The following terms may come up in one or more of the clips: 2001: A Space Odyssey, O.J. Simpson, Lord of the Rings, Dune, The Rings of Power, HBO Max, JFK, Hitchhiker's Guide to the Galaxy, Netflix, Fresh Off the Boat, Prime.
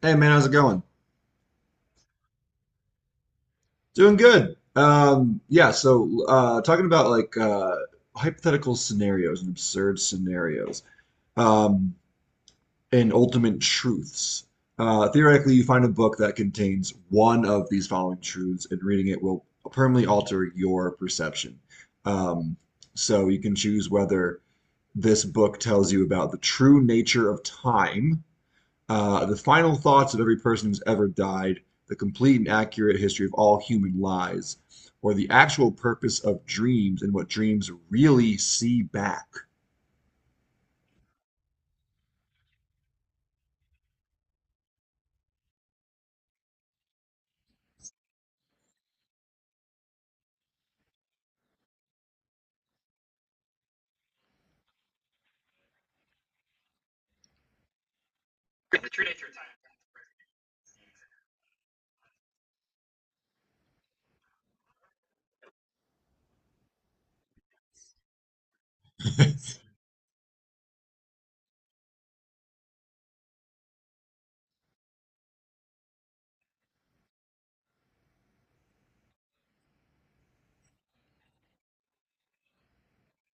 Hey man, how's it going? Doing good. Yeah, so talking about like hypothetical scenarios and absurd scenarios, um, and ultimate truths. Theoretically, you find a book that contains one of these following truths, and reading it will permanently alter your perception. Um, so you can choose whether this book tells you about the true nature of time, the final thoughts of every person who's ever died, the complete and accurate history of all human lies, or the actual purpose of dreams and what dreams really see back. It's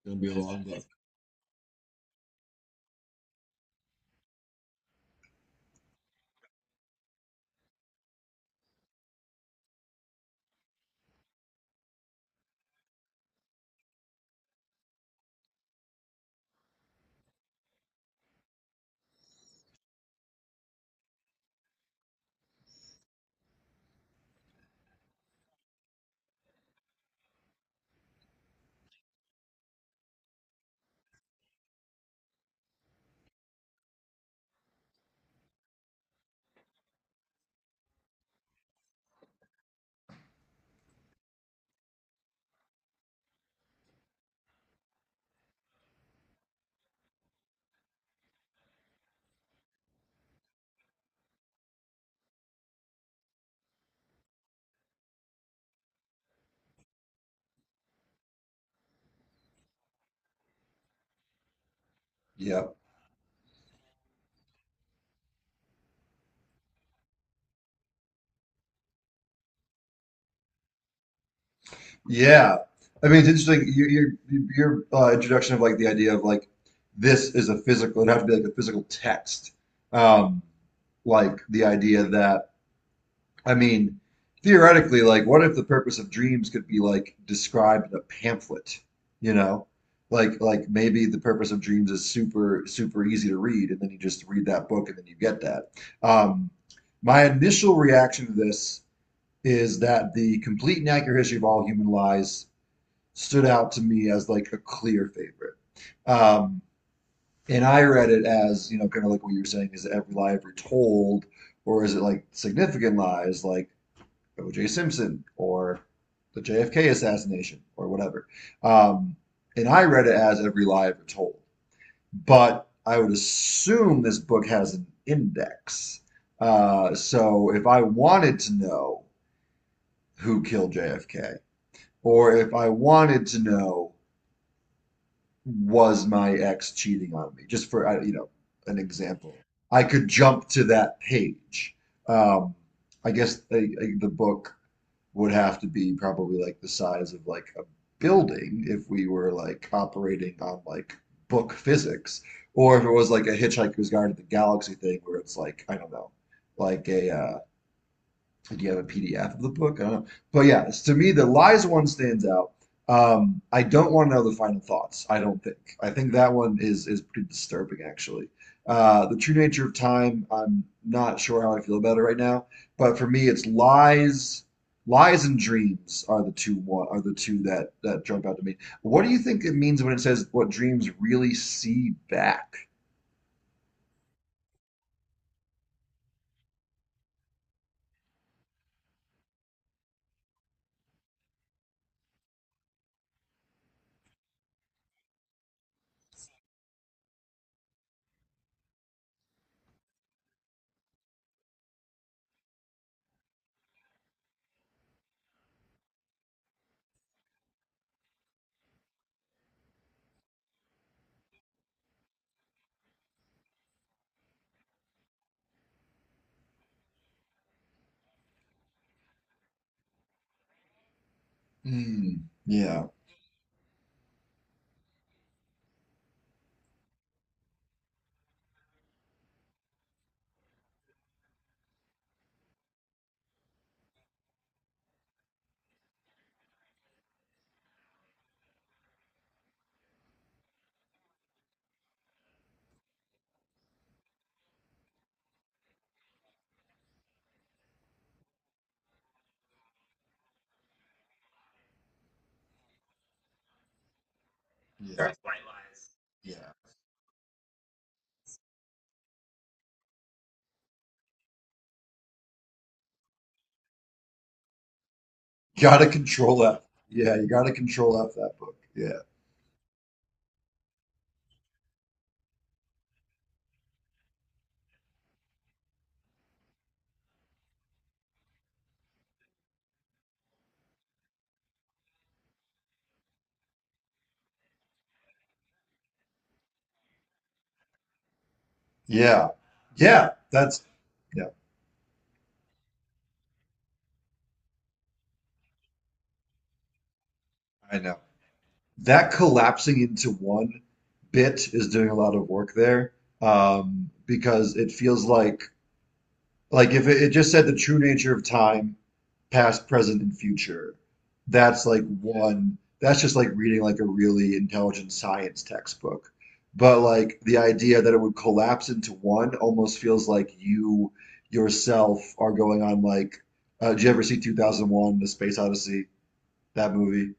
gonna be a long book. Yeah, yeah. I mean, it's interesting. Your introduction of like the idea of like this is a physical. It'd have to be like a physical text. Like the idea that, I mean, theoretically, like, what if the purpose of dreams could be like described in a pamphlet, you know? Like, maybe the purpose of dreams is super, super easy to read, and then you just read that book and then you get that. Um, my initial reaction to this is that the complete and accurate history of all human lies stood out to me as like a clear favorite. Um, and I read it as, kind of like what you were saying, is every lie ever told, or is it like significant lies? Like, O.J. Simpson or the JFK assassination or whatever. Um, and I read it as every lie ever told. But I would assume this book has an index. So if I wanted to know who killed JFK, or if I wanted to know was my ex cheating on me, just for an example, I could jump to that page. Um, I guess the book would have to be probably like the size of like a building if we were like operating on like book physics, or if it was like a Hitchhiker's Guide to the Galaxy thing where it's like, I don't know, like a do you have a PDF of the book? I don't know. But yeah, to me, the lies one stands out. I don't want to know the final thoughts. I don't think. I think that one is pretty disturbing, actually. The true nature of time. I'm not sure how I feel about it right now. But for me, it's lies. Lies and dreams are the two that jump out to me. What do you think it means when it says what dreams really see back? Hmm. Yeah, yeah, yeah. Gotta control F. Yeah, you gotta control F that book. Yeah. Yeah. Yeah. That's yeah, I know. That collapsing into one bit is doing a lot of work there. Because it feels like if it just said the true nature of time, past, present, and future, that's like one, that's just like reading like a really intelligent science textbook. But like the idea that it would collapse into one almost feels like you yourself are going on like, did you ever see 2001, The Space Odyssey, that movie?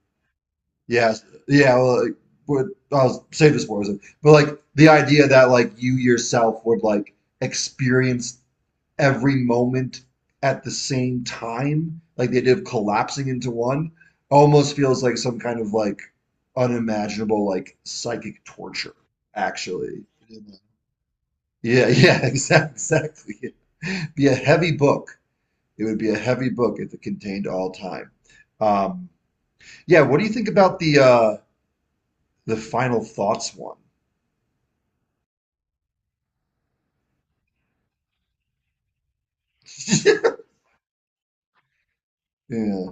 Yes. Yeah, well, like, but I'll save this for a second. But like the idea that like you yourself would like experience every moment at the same time, like the idea of collapsing into one, almost feels like some kind of like unimaginable like psychic torture. Actually, yeah, yeah, exactly, exactly. It'd be a heavy book. It would be a heavy book if it contained all time. Um, yeah, what do you think about the final thoughts one? Yeah.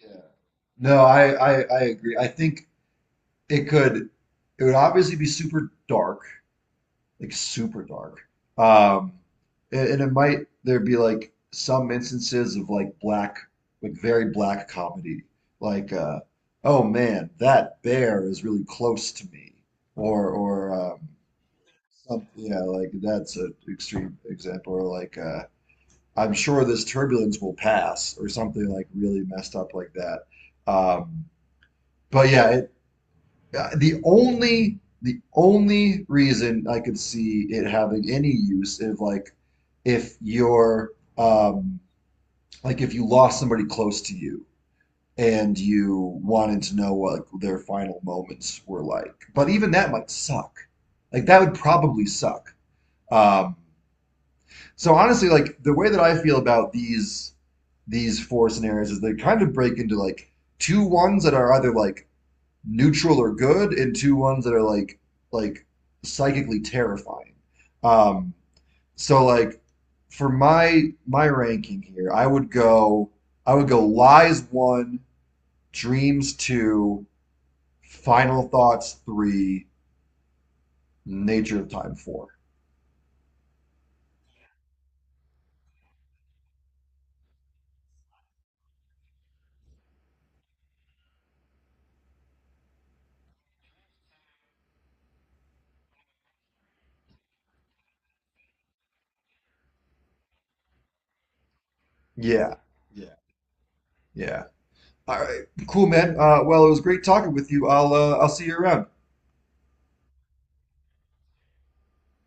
Yeah. No, I agree. I think it could it would obviously be super dark. Like super dark. Um, and it might there be like some instances of like black, like very black comedy, like oh man, that bear is really close to me, or some, yeah, like that's an extreme example, or like I'm sure this turbulence will pass, or something like really messed up like that. Um, but yeah, the only reason I could see it having any use is like if you're, um, like if you lost somebody close to you and you wanted to know what their final moments were like. But even that might suck. Like that would probably suck. Um, so honestly, like the way that I feel about these four scenarios is they kind of break into like two ones that are either like neutral or good and two ones that are like psychically terrifying. Um, so like for my ranking here, I would go lies one, dreams two, final thoughts three, nature of time four. Yeah, yeah, yeah. All right, cool, man. Well, it was great talking with you. I'll see you around.